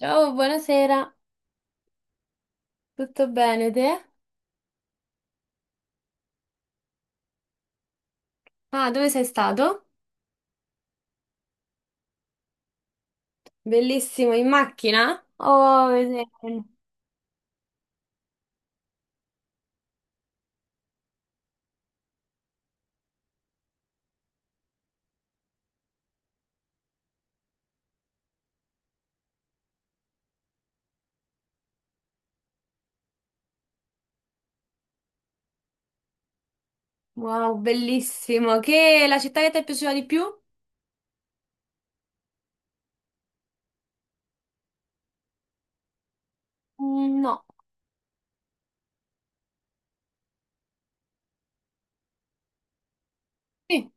Ciao, buonasera, tutto bene te? Ah, dove sei stato? Bellissimo, in macchina? Oh, wow, bellissimo. Che la città che ti è piaciuta di più? Mm, no. Sì.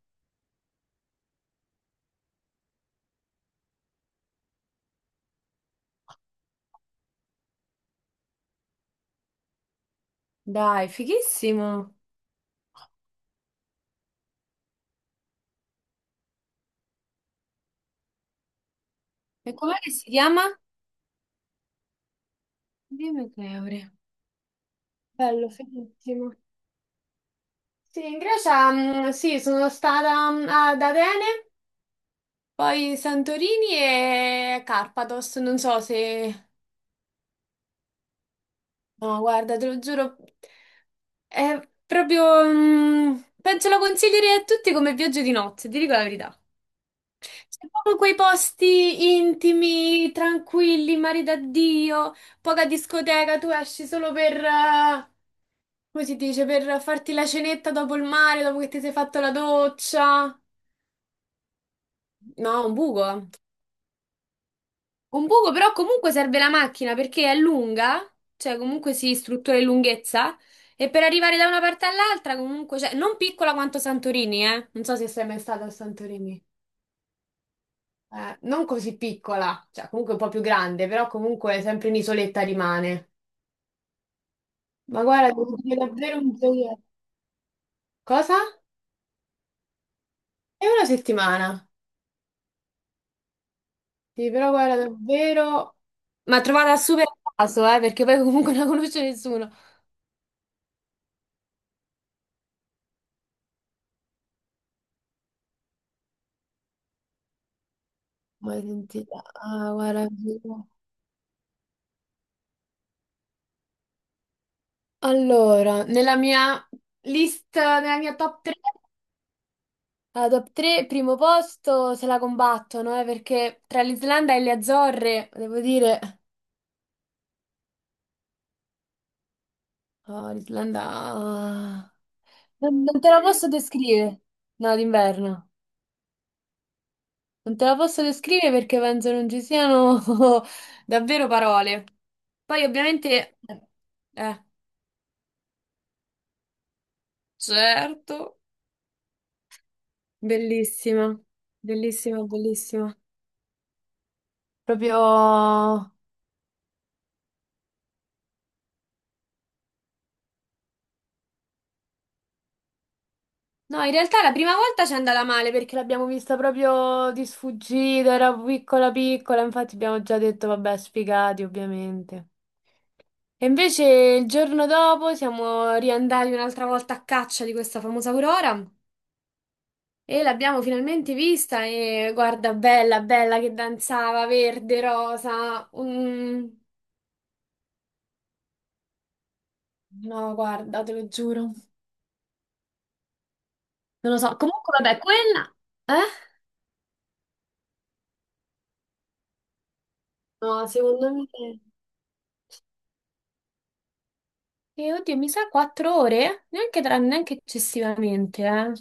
Dai, fighissimo. E com'è che si chiama? Dimmi che ore. Bello, fighissimo. Sì, in Grecia, mm, sì, sono stata ad Atene, poi Santorini e Carpados, non so se... No, guarda, te lo giuro, è proprio... penso lo consiglierei a tutti come viaggio di nozze, ti dico la verità. C'è proprio quei posti intimi, tranquilli, mari da Dio, poca discoteca, tu esci solo per... come si dice? Per farti la cenetta dopo il mare, dopo che ti sei fatto la doccia. No, un buco, eh. Un poco, però comunque serve la macchina perché è lunga, cioè comunque si struttura in lunghezza, e per arrivare da una parte all'altra comunque, cioè, non piccola quanto Santorini, eh? Non so se sei mai stata a Santorini. Non così piccola, cioè comunque un po' più grande, però comunque sempre un'isoletta rimane. Ma guarda, devo dire davvero un gioiello. Cosa? È una settimana. Sì, però guarda, davvero... Ma trovata super a caso, perché poi comunque non la conosce nessuno. Ma sentita, ah, guarda... Allora, nella mia lista, nella mia top 3, la top 3, primo posto se la combattono, perché tra l'Islanda e le Azzorre, devo dire, oh, l'Islanda... Non te la posso descrivere, no, d'inverno. Non te la posso descrivere perché penso non ci siano davvero parole. Poi ovviamente... eh, certo, bellissima, bellissima, bellissima. Proprio... No, in realtà la prima volta ci è andata male perché l'abbiamo vista proprio di sfuggita, era piccola piccola, infatti abbiamo già detto vabbè, sfigati ovviamente. E invece il giorno dopo siamo riandati un'altra volta a caccia di questa famosa Aurora e l'abbiamo finalmente vista e guarda, bella, bella che danzava, verde, rosa. No, guarda, te lo giuro. Non lo so, comunque vabbè, quella... Eh? No, secondo me... E oddio, mi sa quattro ore? Neanche, neanche eccessivamente, eh.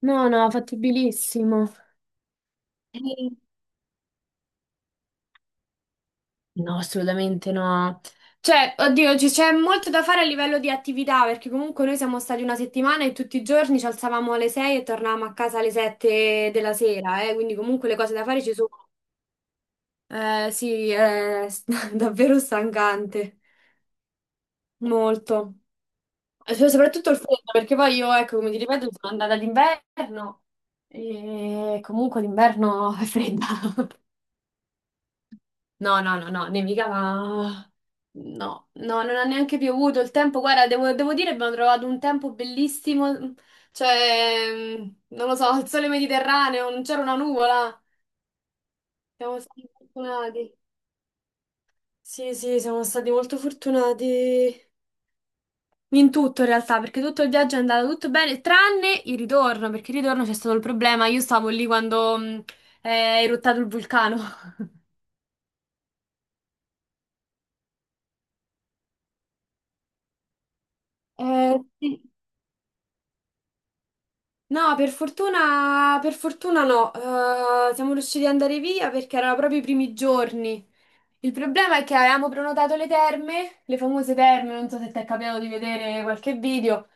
No, no, fattibilissimo. Eh, No, assolutamente no. Cioè, oddio, c'è molto da fare a livello di attività, perché comunque noi siamo stati una settimana e tutti i giorni ci alzavamo alle 6 e tornavamo a casa alle 7 della sera, quindi comunque le cose da fare ci sono. Sì, è davvero stancante, molto. Cioè, soprattutto il freddo, perché poi io, ecco, come ti ripeto, sono andata d'inverno e comunque l'inverno è fredda. No, no, no, no, nevicava... No, no, non ha neanche piovuto il tempo. Guarda, devo dire, abbiamo trovato un tempo bellissimo. Cioè, non lo so, il sole mediterraneo, non c'era una nuvola. Siamo stati fortunati. Sì, sì, siamo stati molto fortunati. In tutto in realtà, perché tutto il viaggio è andato tutto bene, tranne il ritorno, perché il ritorno c'è stato il problema. Io stavo lì quando è eruttato il vulcano. Sì. No, per fortuna no. Siamo riusciti ad andare via perché erano proprio i primi giorni. Il problema è che avevamo prenotato le terme, le famose terme, non so se ti è capitato di vedere qualche video.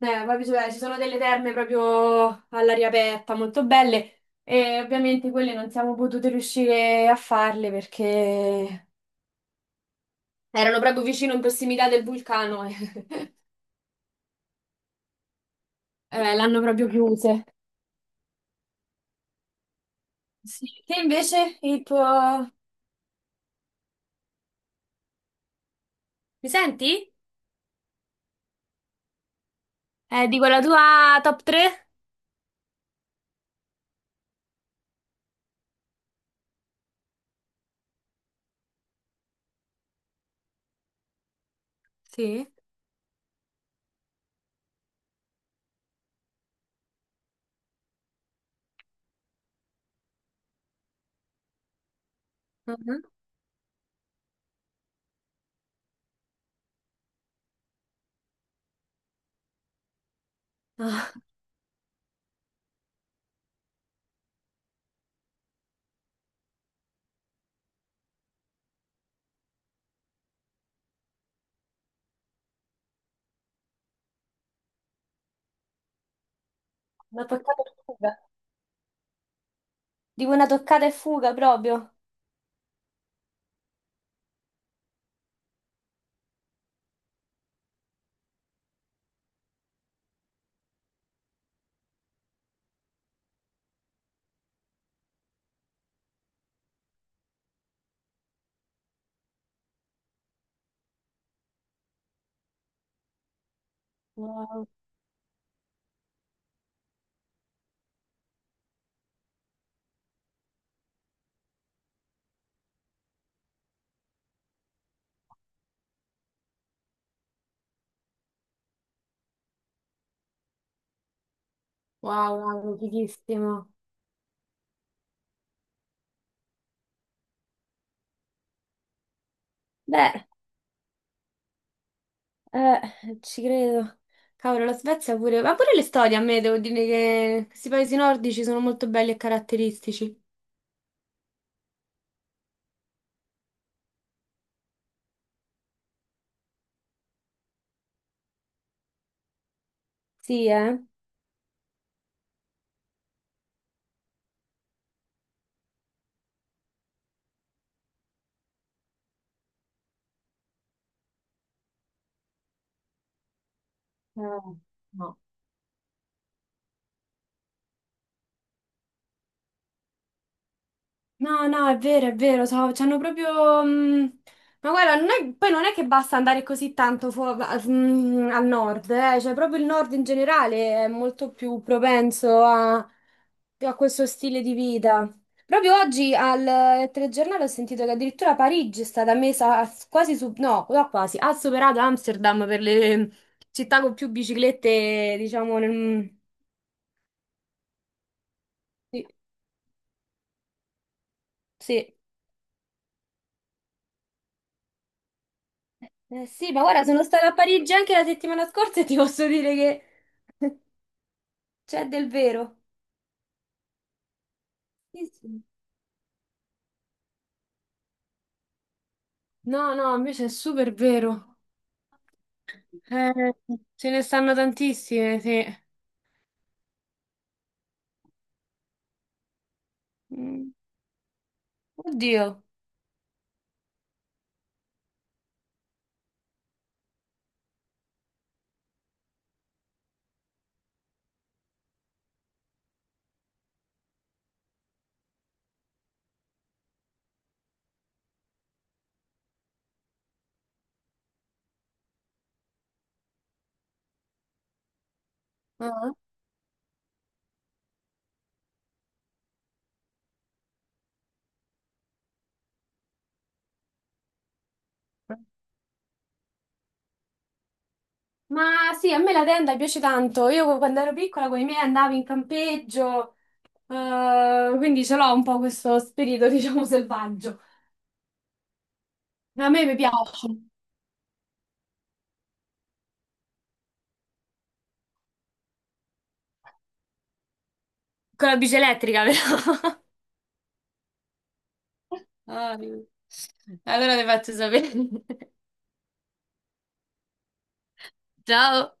Poi ci sono delle terme proprio all'aria aperta, molto belle, e ovviamente quelle non siamo potute riuscire a farle perché erano proprio vicino in prossimità del vulcano e l'hanno proprio chiuse. Sì. Te invece il tuo... Mi senti? Dico la tua top 3? Sì. Mhm. Ah, una toccata e fuga. Dico una toccata e fuga proprio. Wow, wow, wow, fighissimo. Beh. Eh, Ci credo. Cavolo, la Svezia pure, ma pure le storie a me, devo dire che questi paesi nordici sono molto belli e caratteristici. Sì, eh? No, no, è vero, c'hanno proprio... ma guarda, non è- poi non è che basta andare così tanto al nord, cioè proprio il nord in generale è molto più propenso a, a questo stile di vita. Proprio oggi al telegiornale ho sentito che addirittura Parigi è stata messa quasi su... no, no, quasi, ha superato Amsterdam per le città con più biciclette, diciamo, nel... Sì, sì. Sì, ma guarda, sono stata a Parigi anche la settimana scorsa e ti posso dire che c'è del vero. Sì, sì. No, no, invece è super vero. Eh, Ce ne stanno tantissime, sì. Mm, Oddio. Ah. Ma sì, a me la tenda piace tanto. Io quando ero piccola con i miei andavo in campeggio, quindi ce l'ho un po' questo spirito, diciamo, selvaggio. A me mi piace. Con la bici elettrica, però. Ah, allora le faccio sapere. Ciao.